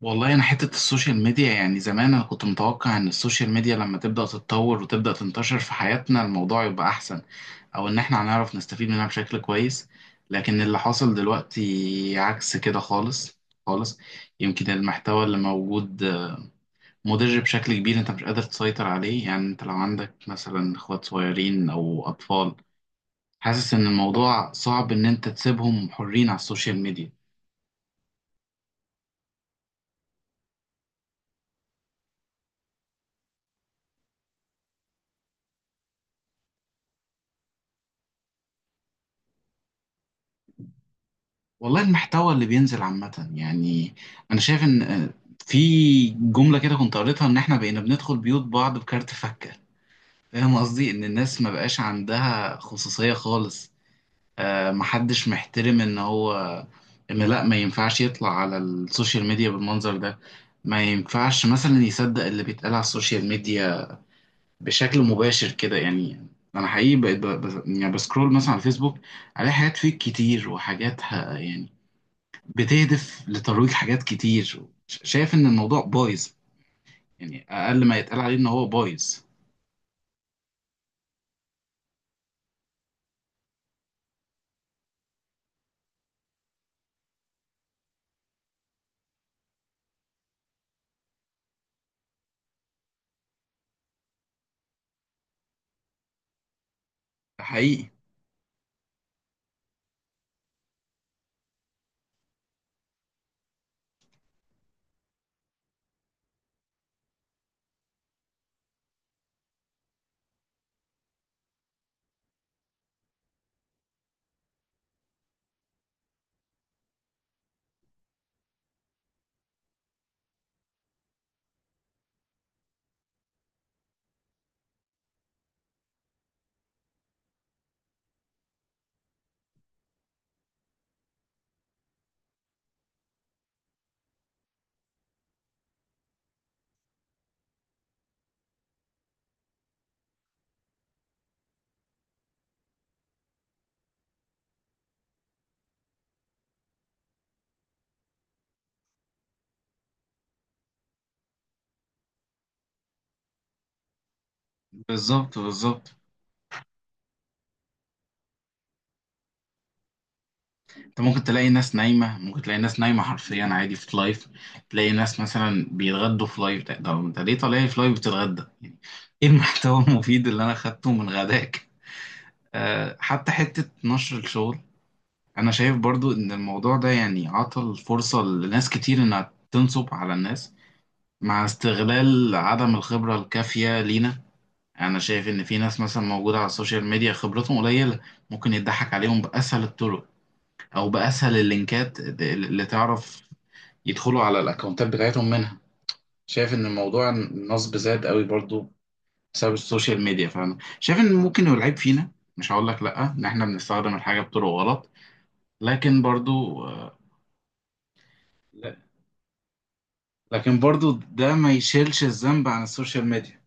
والله انا حته السوشيال ميديا، يعني زمان انا كنت متوقع ان السوشيال ميديا لما تبدا تتطور وتبدا تنتشر في حياتنا الموضوع يبقى احسن، او ان احنا هنعرف نستفيد منها بشكل كويس. لكن اللي حصل دلوقتي عكس كده خالص خالص. يمكن المحتوى اللي موجود مضر بشكل كبير، انت مش قادر تسيطر عليه. يعني انت لو عندك مثلا اخوات صغيرين او اطفال، حاسس ان الموضوع صعب ان انت تسيبهم حرين على السوشيال ميديا. والله المحتوى اللي بينزل عامة، يعني أنا شايف إن في جملة كده كنت قريتها إن إحنا بقينا بندخل بيوت بعض بكارت فكة. فاهم قصدي؟ إن الناس ما بقاش عندها خصوصية خالص. محدش محترم، إن هو إن لأ ما ينفعش يطلع على السوشيال ميديا بالمنظر ده، ما ينفعش مثلا يصدق اللي بيتقال على السوشيال ميديا بشكل مباشر كده. يعني أنا حقيقي بقيت يعني بسكرول مثلا على الفيسبوك، ألاقي حاجات فيك كتير وحاجات يعني بتهدف لترويج حاجات كتير. شايف ان الموضوع بايظ، يعني اقل ما يتقال عليه ان هو بايظ. ده حقيقي. بالظبط بالظبط. انت ممكن تلاقي ناس نايمه، ممكن تلاقي ناس نايمه حرفيا، عادي في لايف. تلاقي ناس مثلا بيتغدوا في لايف. ده ده انت ليه طالع لي في لايف بتتغدى يعني؟ ايه المحتوى المفيد اللي انا خدته من غداك؟ أه، حتى حته نشر الشغل انا شايف برضو ان الموضوع ده يعني عطل فرصه لناس كتير انها تنصب على الناس، مع استغلال عدم الخبرة الكافية لينا. أنا شايف إن في ناس مثلا موجودة على السوشيال ميديا خبرتهم قليلة، ممكن يضحك عليهم بأسهل الطرق أو بأسهل اللينكات اللي تعرف يدخلوا على الأكونتات بتاعتهم منها. شايف إن الموضوع، النصب زاد قوي برضو بسبب السوشيال ميديا. فأنا شايف إن ممكن يبقى العيب فينا، مش هقول لك لأ، إن إحنا بنستخدم الحاجة بطرق غلط، لكن برضو لا. لكن برضو ده ما يشيلش الذنب عن السوشيال ميديا.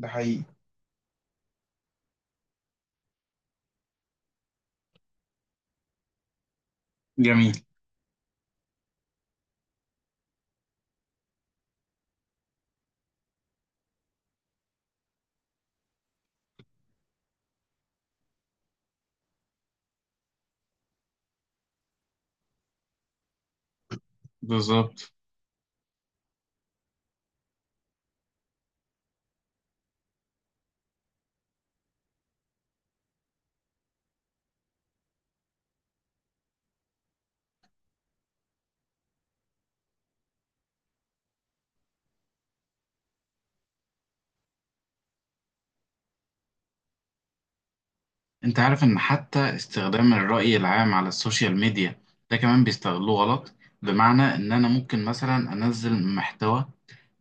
ده حقيقي. جميل. بالظبط. انت عارف ان حتى استخدام الرأي العام على السوشيال ميديا ده كمان بيستغلوه غلط؟ بمعنى ان انا ممكن مثلا انزل محتوى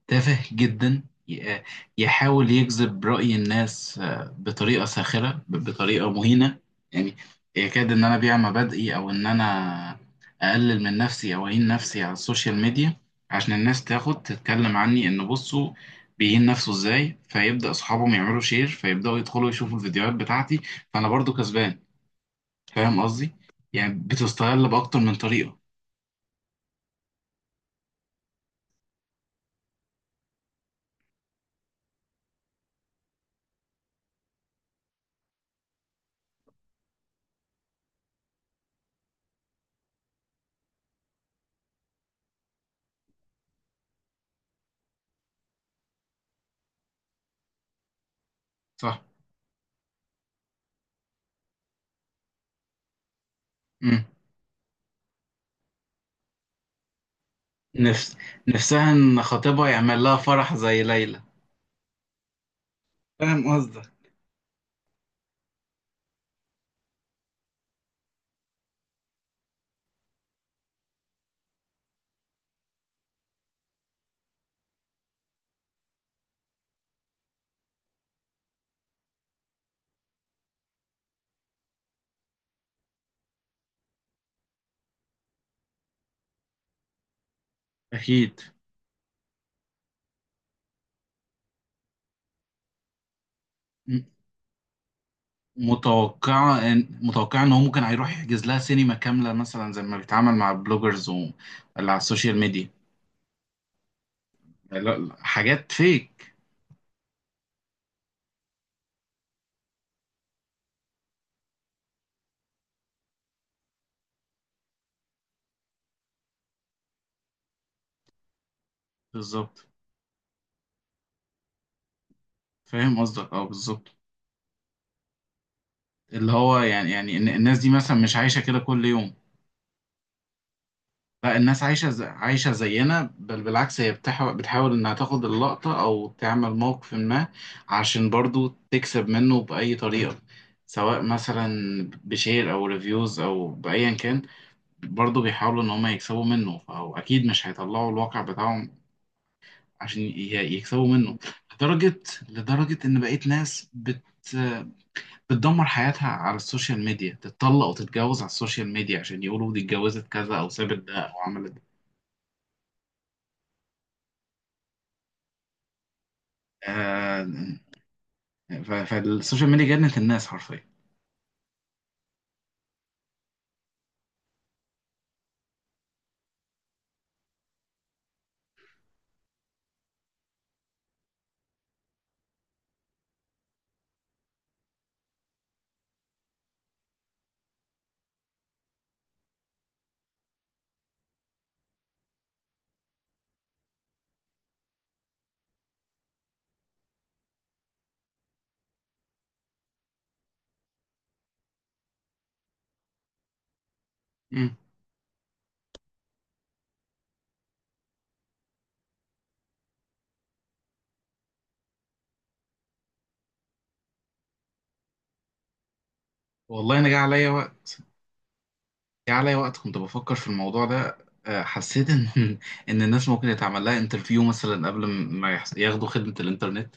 تافه جدا، ي- يحاول يجذب رأي الناس بطريقة ساخرة، بطريقة مهينة، يعني يكاد إن أنا أبيع مبادئي، أو إن أنا أقلل من نفسي أو أهين نفسي على السوشيال ميديا عشان الناس تاخد تتكلم عني، إن بصوا بيهين نفسه إزاي، فيبدأ أصحابهم يعملوا شير، فيبدأوا يدخلوا يشوفوا الفيديوهات بتاعتي، فأنا برضو كسبان. فاهم قصدي؟ يعني بتستغل بأكتر من طريقة. صح؟ مم. نفس نفسها إن خطيبها يعمل لها فرح زي ليلى. فاهم قصدك. اكيد. م- متوقعه ان متوقعه ان هو ممكن هيروح يحجز لها سينما كامله مثلا، زي ما بيتعامل مع البلوجرز و... اللي على السوشيال ميديا. لا لا، حاجات فيك. بالظبط. فاهم قصدك، اه بالظبط. اللي هو يعني، يعني إن الناس دي مثلا مش عايشه كده كل يوم. لا، الناس عايشة عايشة زينا، بل بالعكس، هي بتحاول بتحاول إنها تاخد اللقطة أو تعمل موقف ما عشان برضو تكسب منه بأي طريقة، سواء مثلا بشير أو ريفيوز أو بأيا كان. برضو بيحاولوا إن هما يكسبوا منه، فهو أكيد مش هيطلعوا الواقع بتاعهم عشان يكسبوا منه. لدرجة، لدرجة إن بقيت ناس بتدمر حياتها على السوشيال ميديا، تتطلق وتتجوز على السوشيال ميديا عشان يقولوا دي اتجوزت كذا أو سابت ده أو عملت ده. آه، ف- فالسوشيال ميديا جنت الناس حرفيا. مم. والله انا جه عليا وقت كنت بفكر في الموضوع ده، حسيت ان ان الناس ممكن يتعمل لها انترفيو مثلا قبل ما ياخدوا خدمة الانترنت،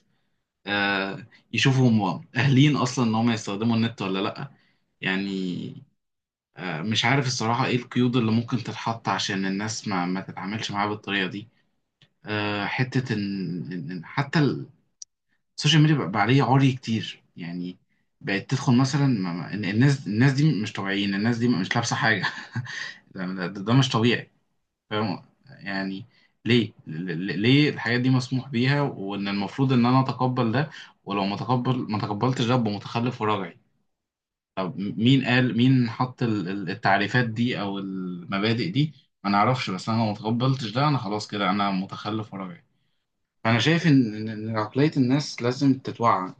آه، يشوفوا هم اهلين اصلا ان هم يستخدموا النت ولا لا، يعني. مش عارف الصراحة ايه القيود اللي ممكن تتحط عشان الناس ما تتعاملش معاها بالطريقة دي. حتة ان إن حتى السوشيال ميديا بقى عليه عري كتير يعني. بقت تدخل مثلا الناس الناس دي مش طبيعيين، الناس دي مش لابسه حاجه. ده مش طبيعي. فاهم يعني. ليه ل- ليه الحاجات دي مسموح بيها، وان المفروض ان انا اتقبل ده، ولو ما تقبلتش ده أبقى متخلف وراجعي؟ طب مين قال، مين حط التعريفات دي او المبادئ دي؟ ما نعرفش. بس انا لو ما تقبلتش ده انا خلاص كده انا متخلف وراجعي. فانا شايف ان إن عقليه الناس لازم تتوعى.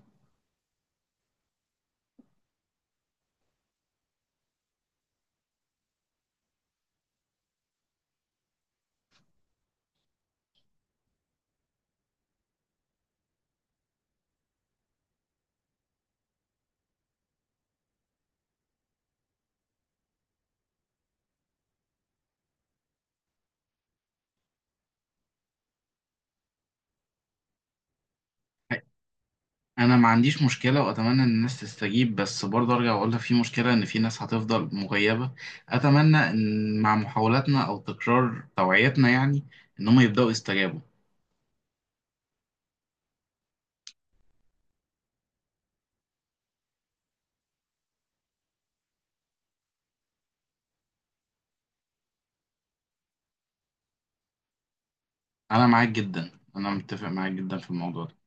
انا ما عنديش مشكله، واتمنى ان الناس تستجيب، بس برضه ارجع واقول لك في مشكله، ان في ناس هتفضل مغيبه. اتمنى ان مع محاولاتنا او تكرار توعيتنا يعني، ان هم يبداوا يستجابوا. انا معاك جدا، انا متفق معاك جدا في الموضوع ده.